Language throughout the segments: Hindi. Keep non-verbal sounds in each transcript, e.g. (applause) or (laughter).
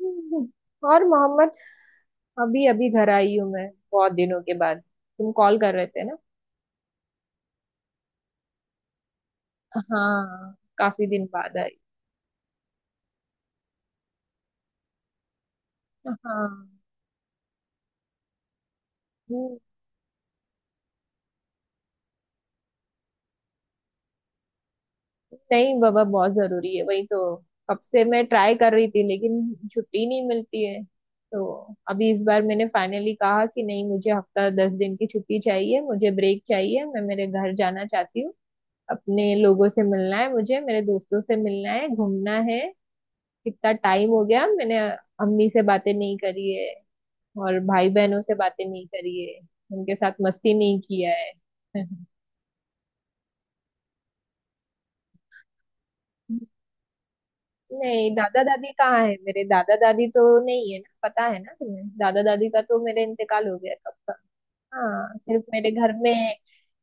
हम्म। और मोहम्मद अभी अभी घर आई हूँ मैं बहुत दिनों के बाद। तुम कॉल कर रहे थे ना। हाँ काफी दिन बाद आई। हाँ। हम्म। नहीं बाबा बहुत जरूरी है वही तो। कब से मैं ट्राई कर रही थी लेकिन छुट्टी नहीं मिलती है। तो अभी इस बार मैंने फाइनली कहा कि नहीं मुझे हफ्ता 10 दिन की छुट्टी चाहिए, मुझे ब्रेक चाहिए, मैं मेरे घर जाना चाहती हूँ। अपने लोगों से मिलना है, मुझे मेरे दोस्तों से मिलना है, घूमना है। कितना टाइम हो गया मैंने अम्मी से बातें नहीं करी है और भाई बहनों से बातें नहीं करी है, उनके साथ मस्ती नहीं किया है। (laughs) नहीं, दादा दादी कहाँ है? मेरे दादा दादी तो नहीं है ना, पता है ना तुम्हें, दादा दादी का तो मेरे इंतकाल हो गया कब का। हाँ सिर्फ मेरे घर में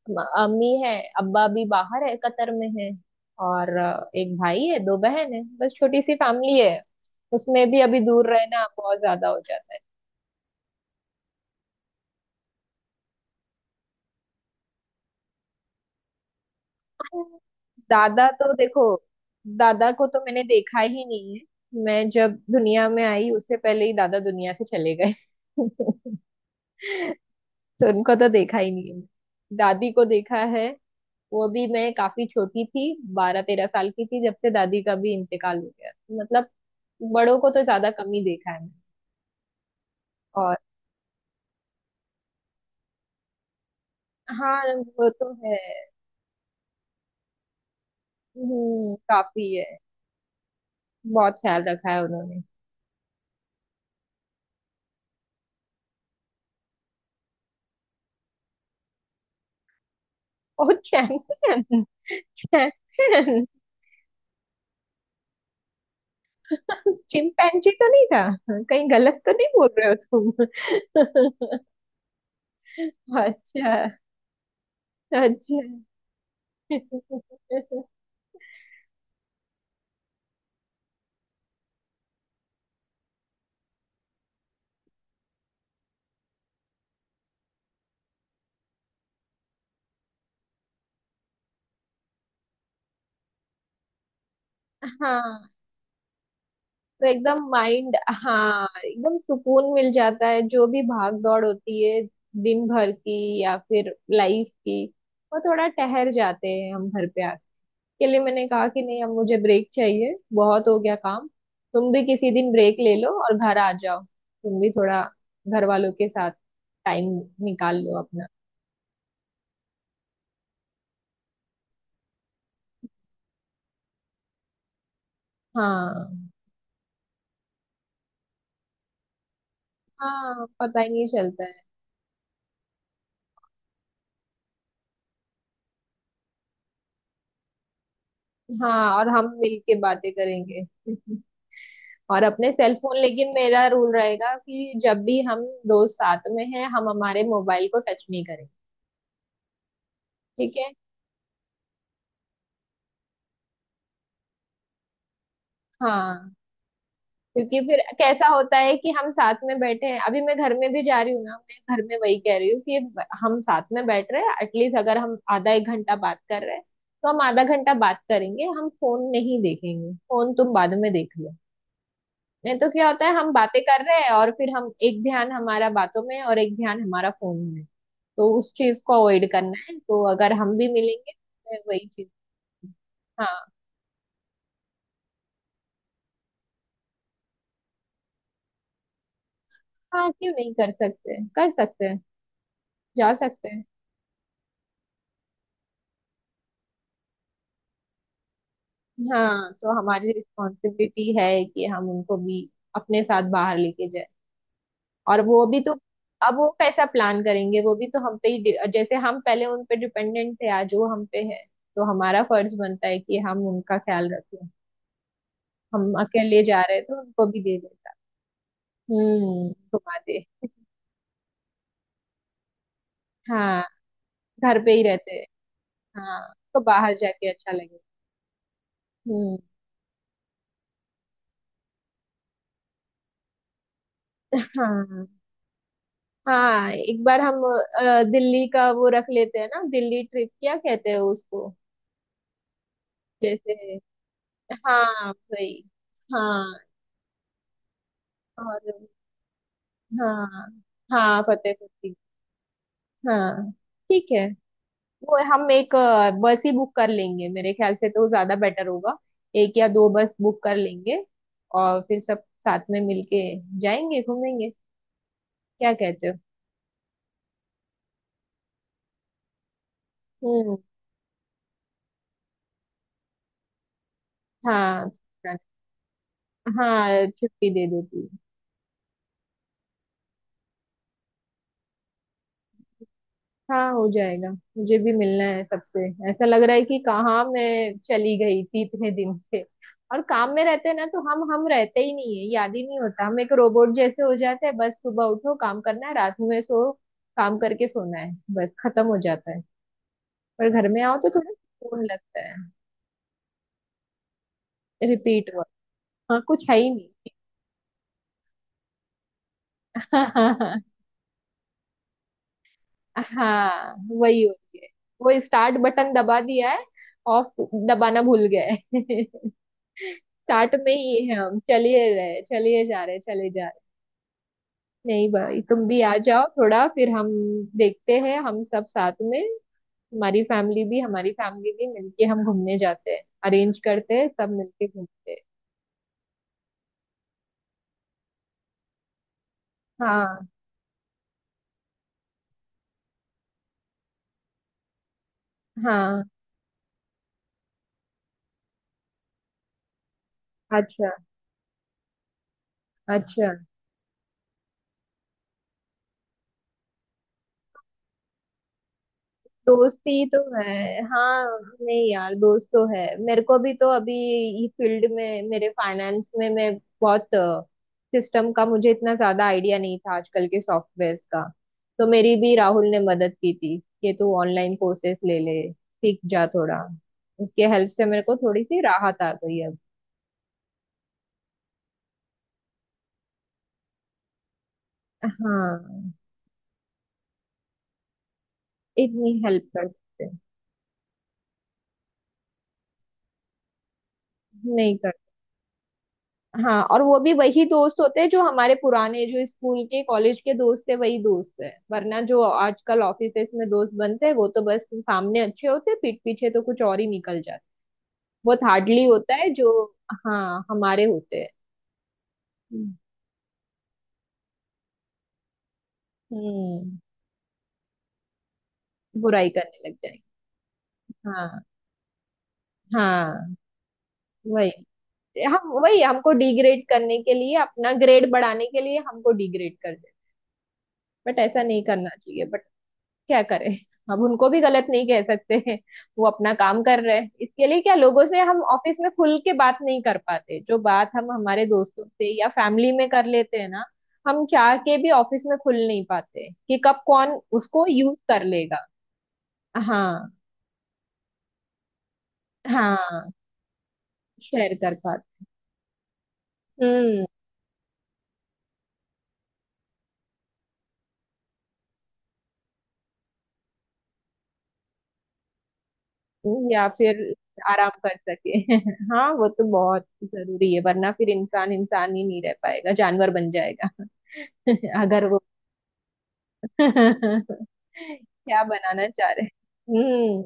अम्मी है। अब्बा भी बाहर है, कतर में है। और एक भाई है, दो बहन है, बस छोटी सी फैमिली है। उसमें भी अभी दूर रहना बहुत ज्यादा हो जाता है। दादा तो देखो, दादा को तो मैंने देखा ही नहीं है। मैं जब दुनिया में आई उससे पहले ही दादा दुनिया से चले गए। (laughs) तो उनको तो देखा ही नहीं है। दादी को देखा है, वो भी मैं काफी छोटी थी। 12-13 साल की थी जब से दादी का भी इंतकाल हो गया। मतलब बड़ों को तो ज्यादा कम ही देखा है मैंने। और हाँ, वो तो है। हम्म, काफी है। बहुत ख्याल रखा है उन्होंने। बहुत चैन। (laughs) चिंपैंजी तो नहीं था? कहीं गलत तो नहीं बोल रहे हो तुम? (laughs) अच्छा अच्छा। हाँ तो एकदम माइंड। हाँ एकदम सुकून मिल जाता है जो भी भाग दौड़ होती है दिन भर की या फिर लाइफ की। वो थोड़ा ठहर जाते हैं हम घर पे आके के लिए मैंने कहा कि नहीं अब मुझे ब्रेक चाहिए, बहुत हो गया काम। तुम भी किसी दिन ब्रेक ले लो और घर आ जाओ, तुम भी थोड़ा घर वालों के साथ टाइम निकाल लो अपना। हाँ। हाँ पता ही नहीं चलता है। हाँ और हम मिलके बातें करेंगे। (laughs) और अपने सेल फोन, लेकिन मेरा रूल रहेगा कि जब भी हम दोस्त साथ में हैं हम हमारे मोबाइल को टच नहीं करें। ठीक है। हाँ क्योंकि फिर कैसा होता है कि हम साथ में बैठे हैं। अभी मैं घर में भी जा रही हूँ ना, मैं घर में वही कह रही हूँ कि हम साथ में बैठ रहे हैं, एटलीस्ट अगर हम आधा एक घंटा बात कर रहे हैं तो हम आधा घंटा बात करेंगे, हम फोन नहीं देखेंगे, फोन तुम बाद में देख लो। नहीं तो क्या होता है हम बातें कर रहे हैं और फिर हम एक ध्यान हमारा बातों में है और एक ध्यान हमारा फोन में है। तो उस चीज को अवॉइड करना है, तो अगर हम भी मिलेंगे तो वही चीज। हाँ। हाँ क्यों नहीं कर सकते, कर सकते हैं, जा सकते हैं। हाँ तो हमारी रिस्पॉन्सिबिलिटी है कि हम उनको भी अपने साथ बाहर लेके जाए। और वो भी तो। अब वो कैसा प्लान करेंगे, वो भी तो हम पे ही जैसे हम पहले उन पे डिपेंडेंट थे आज वो हम पे है। तो हमारा फर्ज बनता है कि हम उनका ख्याल रखें। हम अकेले जा रहे तो उनको भी दे देता। हम्म। घुमा दे। हाँ घर पे ही रहते हैं। हाँ तो बाहर जाके अच्छा लगेगा। हम्म। हाँ। हाँ एक बार हम दिल्ली का वो रख लेते हैं ना, दिल्ली ट्रिप क्या कहते हैं उसको। जैसे। हाँ वही। हाँ। और। हाँ। हाँ फतेहपुर सीकरी। हाँ ठीक है। वो हम एक बस ही बुक कर लेंगे, मेरे ख्याल से तो ज्यादा बेटर होगा। एक या दो बस बुक कर लेंगे और फिर सब साथ में मिलके जाएंगे घूमेंगे। क्या कहते हो? हम्म। हाँ। हाँ छुट्टी दे देती। हाँ हो जाएगा। मुझे भी मिलना है सबसे। ऐसा लग रहा है कि कहाँ मैं चली गई थी इतने दिन से। और काम में रहते हैं ना तो हम रहते ही नहीं है, याद ही नहीं होता। हम एक रोबोट जैसे हो जाते हैं, बस सुबह उठो काम करना है रात में सो काम करके सोना है। बस खत्म हो जाता है। पर घर में आओ तो थोड़ा सुकून लगता है। Repeat work. हाँ कुछ है ही नहीं। (laughs) हाँ। हाँ वही होती है। वो स्टार्ट बटन दबा दिया है, ऑफ दबाना भूल गए। (laughs) स्टार्ट में ही है हम, चलिए रहे चलिए जा रहे चले जा रहे। नहीं भाई तुम भी आ जाओ थोड़ा, फिर हम देखते हैं हम सब साथ में। हमारी फैमिली भी मिलके हम घूमने जाते हैं, अरेंज करते हैं, सब मिलके घूमते हैं। हाँ। हाँ। अच्छा। अच्छा। दोस्ती तो है हाँ। नहीं यार दोस्त तो है मेरे को भी तो अभी। ये फील्ड में मेरे फाइनेंस में मैं बहुत सिस्टम का मुझे इतना ज्यादा आइडिया नहीं था आजकल के सॉफ्टवेयर का। तो मेरी भी राहुल ने मदद की थी कि तू ऑनलाइन कोर्सेस ले ले सीख जा थोड़ा। उसके हेल्प से मेरे को थोड़ी सी राहत आ गई अब। हाँ। इतनी हेल्प कर सकते हैं। नहीं कर। हाँ और वो भी वही दोस्त होते हैं जो हमारे पुराने, जो स्कूल के कॉलेज के दोस्त है वही दोस्त है, वरना जो आजकल ऑफिसेस में दोस्त बनते हैं वो तो बस सामने अच्छे होते हैं, पीठ पीछे तो कुछ और ही निकल जाता है। बहुत हार्डली होता है जो। हाँ हमारे होते हैं। हम्म। हम्म। बुराई करने लग जाएंगे। हाँ। हाँ वही। हम वही हमको डिग्रेड करने के लिए अपना ग्रेड बढ़ाने के लिए हमको डिग्रेड कर दे। बट ऐसा नहीं करना चाहिए। क्या करें, हम उनको भी गलत नहीं कह सकते हैं, वो अपना काम कर रहे हैं इसके लिए। क्या लोगों से हम ऑफिस में खुल के बात नहीं कर पाते जो बात हम हमारे दोस्तों से या फैमिली में कर लेते हैं ना। हम चाह के भी ऑफिस में खुल नहीं पाते कि कब कौन उसको यूज कर लेगा। हाँ। हाँ। शेयर कर पाते। हम्म। या फिर आराम कर सके। (laughs) हाँ वो तो बहुत जरूरी है, वरना फिर इंसान इंसान ही नहीं रह पाएगा, जानवर बन जाएगा। (laughs) अगर वो। (laughs) क्या बनाना चाह रहे हैं? हम्म।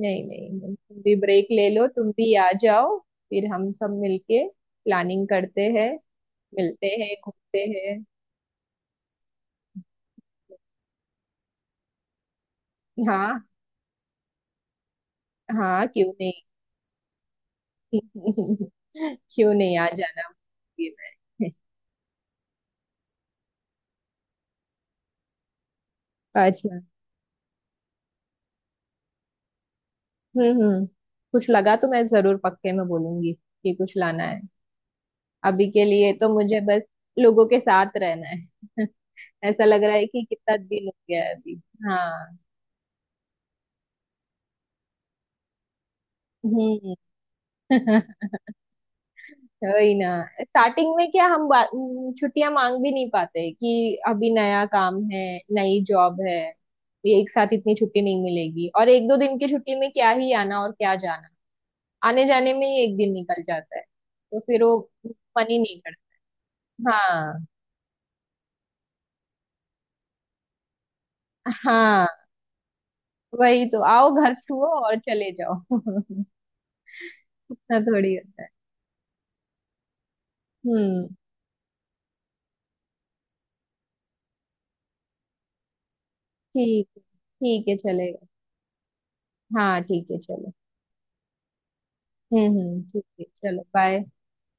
नहीं नहीं नहीं तुम भी ब्रेक ले लो, तुम भी आ जाओ, फिर हम सब मिलके प्लानिंग करते हैं, मिलते हैं घूमते हैं। हाँ। हाँ क्यों नहीं। (laughs) क्यों नहीं, आ जाना। ये मैं। अच्छा। हम्म। हम्म। कुछ लगा तो मैं जरूर पक्के में बोलूंगी कि कुछ लाना है, अभी के लिए तो मुझे बस लोगों के साथ रहना है। (laughs) ऐसा लग रहा है कि कितना दिन हो गया है अभी। हाँ। हम्म। (laughs) वही ना। स्टार्टिंग में क्या हम छुट्टियां मांग भी नहीं पाते कि अभी नया काम है, नई जॉब है, ये एक साथ इतनी छुट्टी नहीं मिलेगी और एक दो दिन की छुट्टी में क्या ही आना और क्या जाना। आने जाने में ही एक दिन निकल जाता है तो फिर वो मन ही नहीं करता। हाँ। हाँ वही तो। आओ घर छुओ और चले जाओ। (laughs) इतना थोड़ी होता है। हम्म। ठीक है। ठीक है चलेगा। हाँ ठीक है चलो। ठीक है। चलो बाय।